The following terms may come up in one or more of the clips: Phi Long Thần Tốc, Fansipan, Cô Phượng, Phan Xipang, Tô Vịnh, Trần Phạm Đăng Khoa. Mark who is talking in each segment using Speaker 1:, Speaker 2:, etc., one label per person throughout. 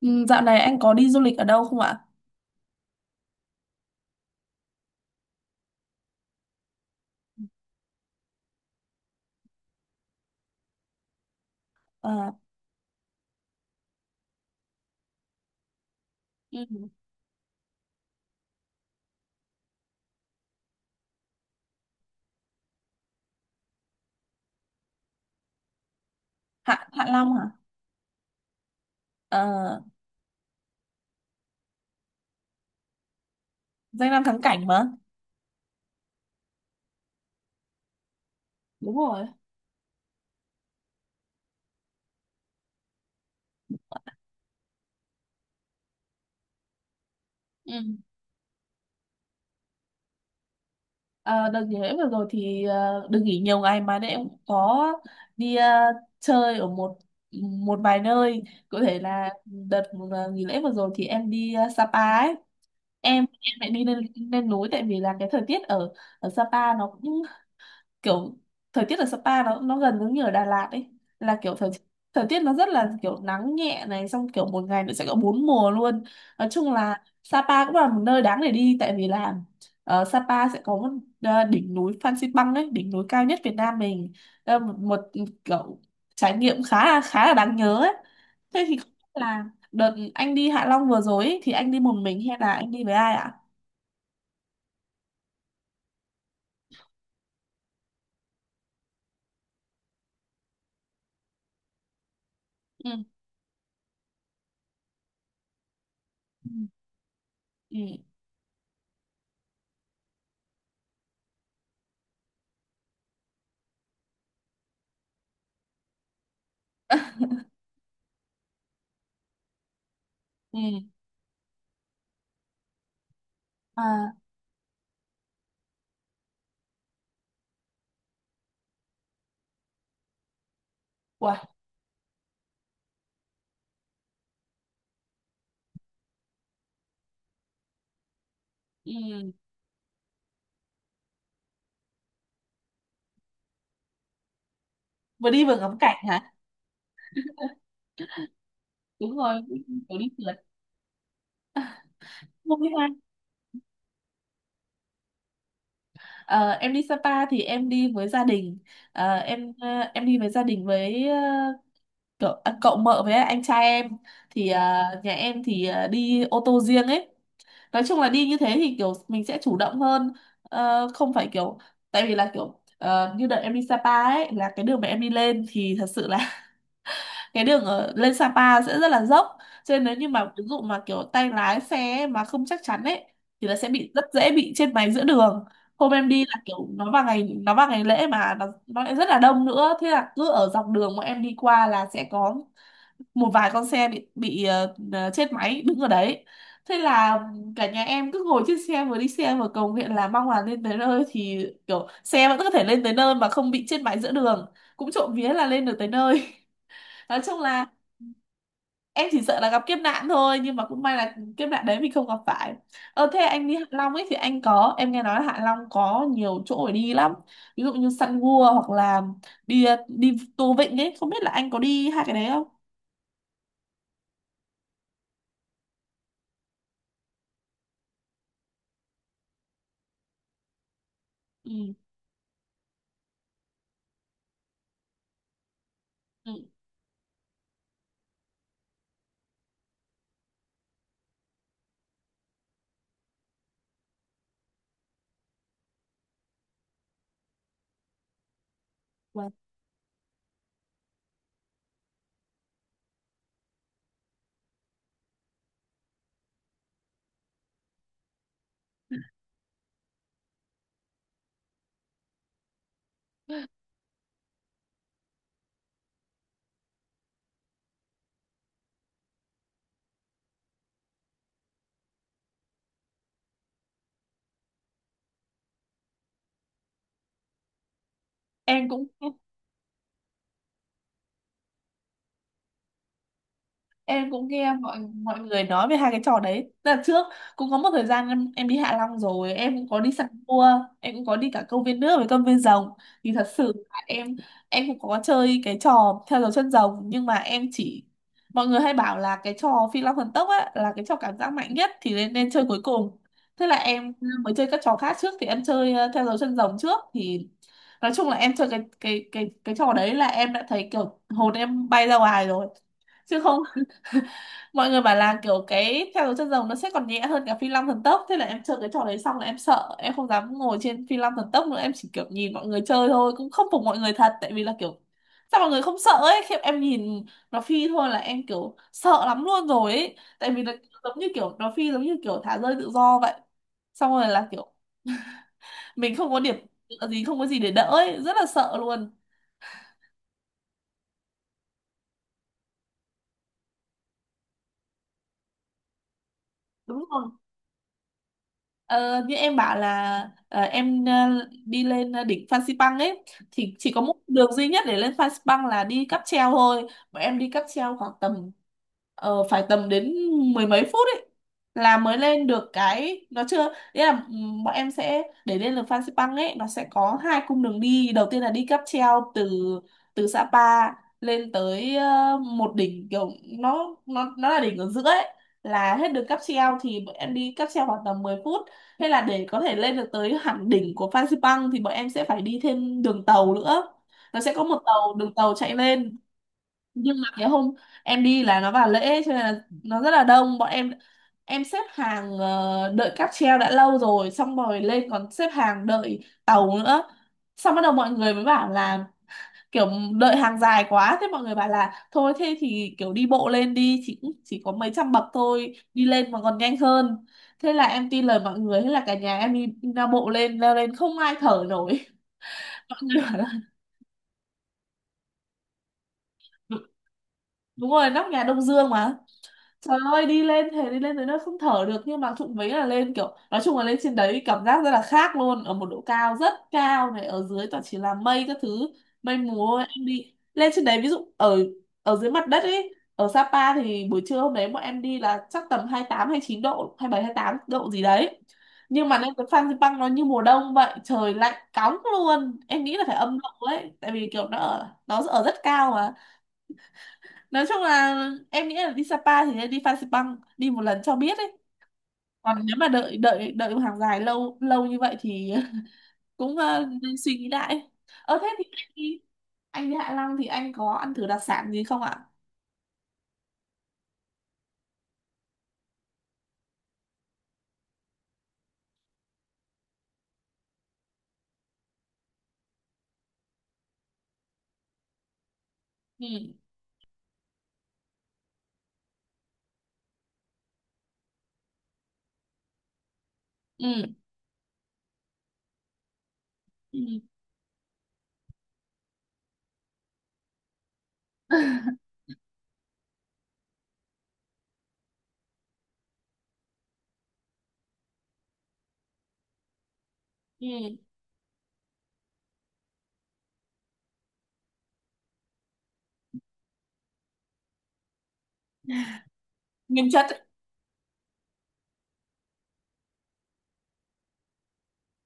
Speaker 1: Ừ, dạo này anh có đi du lịch ở đâu không ạ? À, ừ, Hạ Hạ Long hả? À, danh lam thắng cảnh mà. Đúng rồi. Ừ. À, đợt nghỉ lễ vừa rồi thì được nghỉ nhiều ngày mà nên em cũng có đi chơi ở một một vài nơi. Cụ thể là đợt nghỉ lễ vừa rồi thì em đi Sapa ấy. Em lại đi lên lên núi tại vì là cái thời tiết ở ở Sapa nó cũng kiểu, thời tiết ở Sapa nó gần giống như ở Đà Lạt ấy, là kiểu thời thời tiết nó rất là kiểu nắng nhẹ này, xong kiểu một ngày nó sẽ có bốn mùa luôn. Nói chung là Sapa cũng là một nơi đáng để đi, tại vì là Sapa sẽ có một đỉnh núi Phan Xipang ấy, đỉnh núi cao nhất Việt Nam mình. Ờ, một, một kiểu trải nghiệm khá là đáng nhớ ấy. Thế thì không biết là đợt anh đi Hạ Long vừa rồi ấy, thì anh đi một mình hay là anh đi với ai ạ? Ừ. Ừ. Ừ, ừ. À. Wow. Ừ. Vừa đi vừa ngắm cảnh hả? Đúng rồi, kiểu đi phượt. Không biết ha. Ờ, em đi Sapa thì em đi với gia đình. Ờ, em em đi với gia đình với cậu, à, cậu mợ với anh trai em thì nhà em thì đi ô tô riêng ấy. Nói chung là đi như thế thì kiểu mình sẽ chủ động hơn. Ờ, không phải kiểu, tại vì là kiểu như đợt em đi Sapa ấy, là cái đường mà em đi lên thì thật sự là cái đường ở lên Sapa sẽ rất là dốc, cho nên nếu như mà ví dụ mà kiểu tay lái xe mà không chắc chắn ấy thì là sẽ bị, rất dễ bị chết máy giữa đường. Hôm em đi là kiểu nó vào ngày, nó vào ngày lễ mà nó lại rất là đông nữa, thế là cứ ở dọc đường mà em đi qua là sẽ có một vài con xe bị chết máy đứng ở đấy. Thế là cả nhà em cứ ngồi trên xe vừa đi xe vừa cầu nguyện là mong là lên tới nơi thì kiểu xe vẫn có thể lên tới nơi mà không bị chết máy giữa đường. Cũng trộm vía là lên được tới nơi. Nói chung là em chỉ sợ là gặp kiếp nạn thôi, nhưng mà cũng may là kiếp nạn đấy mình không gặp phải. Ờ thế anh đi Hạ Long ấy thì anh có, em nghe nói là Hạ Long có nhiều chỗ để đi lắm, ví dụ như săn gua hoặc là đi đi Tô Vịnh ấy, không biết là anh có đi hai cái đấy không? Ừ. Ừ. Vâng. em cũng em cũng nghe mọi mọi người nói về hai cái trò đấy. Tức là trước cũng có một thời gian em, đi Hạ Long rồi, em cũng có đi săn cua, em cũng có đi cả công viên nước với công viên rồng. Thì thật sự là em cũng có chơi cái trò theo dấu chân rồng, nhưng mà em chỉ, mọi người hay bảo là cái trò Phi Long Thần Tốc á là cái trò cảm giác mạnh nhất thì nên nên chơi cuối cùng. Thế là em mới chơi các trò khác trước, thì em chơi theo dấu chân rồng trước thì, nói chung là em chơi cái trò đấy là em đã thấy kiểu hồn em bay ra ngoài rồi, chứ không, mọi người bảo là kiểu cái theo dấu chân rồng nó sẽ còn nhẹ hơn cả phi long thần tốc. Thế là em chơi cái trò đấy xong là em sợ, em không dám ngồi trên phi long thần tốc nữa, em chỉ kiểu nhìn mọi người chơi thôi. Cũng không phục mọi người thật, tại vì là kiểu sao mọi người không sợ ấy, khi em nhìn nó phi thôi là em kiểu sợ lắm luôn rồi ấy, tại vì nó giống như kiểu, nó phi giống như kiểu thả rơi tự do vậy, xong rồi là kiểu mình không có điểm tựa gì, không có gì để đỡ ấy, rất là sợ luôn. Đúng rồi. Ờ, như em bảo là em đi lên đỉnh Phan Xipang ấy, thì chỉ có một đường duy nhất để lên Phan Xipang là đi cáp treo thôi. Bọn em đi cáp treo khoảng tầm phải tầm đến mười mấy phút ấy là mới lên được. Cái nó chưa, nghĩa là bọn em sẽ, để lên được Phan Xipang ấy nó sẽ có hai cung đường đi, đầu tiên là đi cáp treo từ từ Sapa lên tới một đỉnh kiểu, nó là đỉnh ở giữa ấy, là hết đường cáp treo thì bọn em đi cáp treo khoảng tầm 10 phút. Hay là để có thể lên được tới hẳn đỉnh của Fansipan thì bọn em sẽ phải đi thêm đường tàu nữa. Nó sẽ có một tàu, đường tàu chạy lên, nhưng mà cái hôm em đi là nó vào lễ cho nên là nó rất là đông. Bọn em xếp hàng đợi cáp treo đã lâu rồi, xong rồi lên còn xếp hàng đợi tàu nữa. Xong bắt đầu mọi người mới bảo là kiểu đợi hàng dài quá, thế mọi người bảo là thôi thế thì kiểu đi bộ lên đi, chỉ có mấy trăm bậc thôi, đi lên mà còn nhanh hơn. Thế là em tin lời mọi người, thế là cả nhà em đi đi ra bộ lên, leo lên không ai thở nổi. Mọi người bảo là đúng rồi, nóc nhà Đông Dương mà. Trời ơi, đi lên thế đi lên tới nơi không thở được, nhưng mà trụng vấy là lên, kiểu nói chung là lên trên đấy cảm giác rất là khác luôn, ở một độ cao rất cao này, ở dưới toàn chỉ là mây các thứ, mây mù thôi. Em đi lên trên đấy, ví dụ ở ở dưới mặt đất ấy ở Sapa thì buổi trưa hôm đấy bọn em đi là chắc tầm 28 chín độ, 27 28 độ gì đấy, nhưng mà lên tới Fansipan nó như mùa đông vậy, trời lạnh cóng luôn, em nghĩ là phải âm độ ấy, tại vì kiểu nó ở, nó ở rất cao. Nói chung là em nghĩ là đi Sapa thì nên đi Phan Xipang đi một lần cho biết ấy, còn nếu mà đợi đợi đợi một hàng dài lâu lâu như vậy thì cũng nên suy nghĩ lại. Ờ thế thì anh đi Hạ Long thì anh có ăn thử đặc sản gì không ạ? Ừ. Ừ. Ừ. Ừ. Nguyên chất ấy.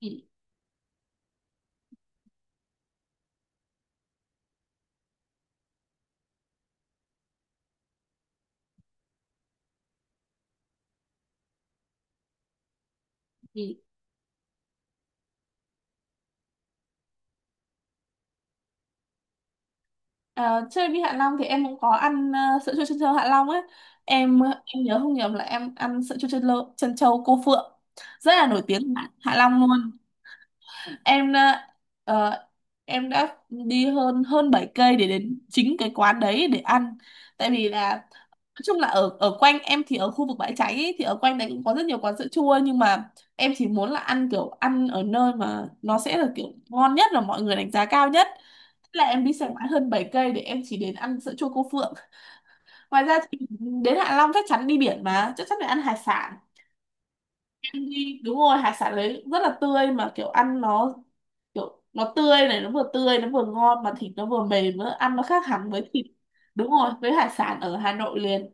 Speaker 1: Ừ. Ừ. Ờ, chơi đi Hạ Long thì em cũng có ăn sữa chua chân trâu Hạ Long ấy. Em em nhớ không nhầm là em ăn sữa chua chân trâu, chân trâu cô Phượng, rất là nổi tiếng ở Hạ Hạ Long luôn. Em đã ờ, em đã đi hơn hơn 7 cây để đến chính cái quán đấy để ăn. Tại vì là nói chung là ở ở quanh em thì ở khu vực bãi cháy ấy, thì ở quanh đấy cũng có rất nhiều quán sữa chua, nhưng mà em chỉ muốn là ăn kiểu ăn ở nơi mà nó sẽ là kiểu ngon nhất và mọi người đánh giá cao nhất. Thế là em đi xe máy hơn 7 cây để em chỉ đến ăn sữa chua cô Phượng. Ngoài ra thì đến Hạ Long chắc chắn đi biển mà, chắc chắn phải ăn hải sản. Đi đúng rồi, hải sản đấy rất là tươi, mà kiểu ăn nó kiểu nó tươi này, nó vừa tươi nó vừa ngon mà thịt nó vừa mềm nữa, ăn nó khác hẳn với thịt, đúng rồi, với hải sản ở Hà Nội liền.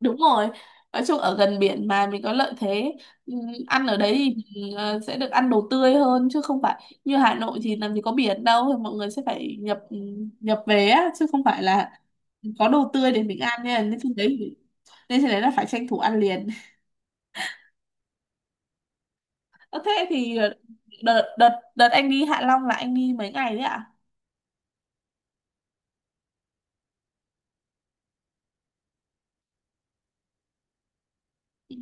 Speaker 1: Đúng rồi, nói chung ở gần biển mà mình có lợi thế. Ừm, ăn ở đấy thì mình sẽ được ăn đồ tươi hơn, chứ không phải như Hà Nội thì làm gì có biển đâu, thì mọi người sẽ phải nhập nhập về á, chứ không phải là có đồ tươi để mình ăn nha. Nên trên đấy, nên trên đấy là phải tranh thủ ăn liền. Ờ, thế thì đợt đợt đợt anh đi Hạ Long là anh đi mấy ngày đấy ạ? Ừ.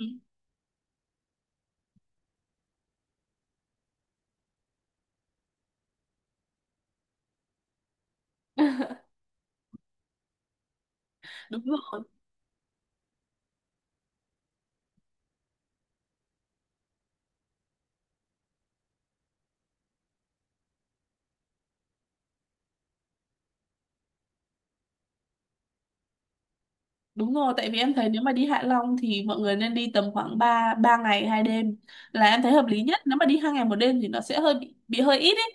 Speaker 1: Đúng rồi. Đúng rồi, tại vì em thấy nếu mà đi Hạ Long thì mọi người nên đi tầm khoảng 3 ba ngày hai đêm là em thấy hợp lý nhất. Nếu mà đi 2 ngày 1 đêm thì nó sẽ hơi bị hơi ít ấy.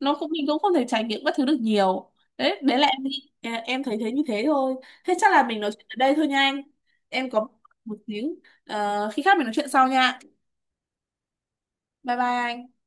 Speaker 1: Nó cũng, mình cũng không thể trải nghiệm các thứ được nhiều. Đấy, đấy là em nghĩ, à, em thấy thế, như thế thôi. Thế chắc là mình nói chuyện ở đây thôi nha anh. Em có một xíu. Ờ, khi khác mình nói chuyện sau nha. Bye bye anh.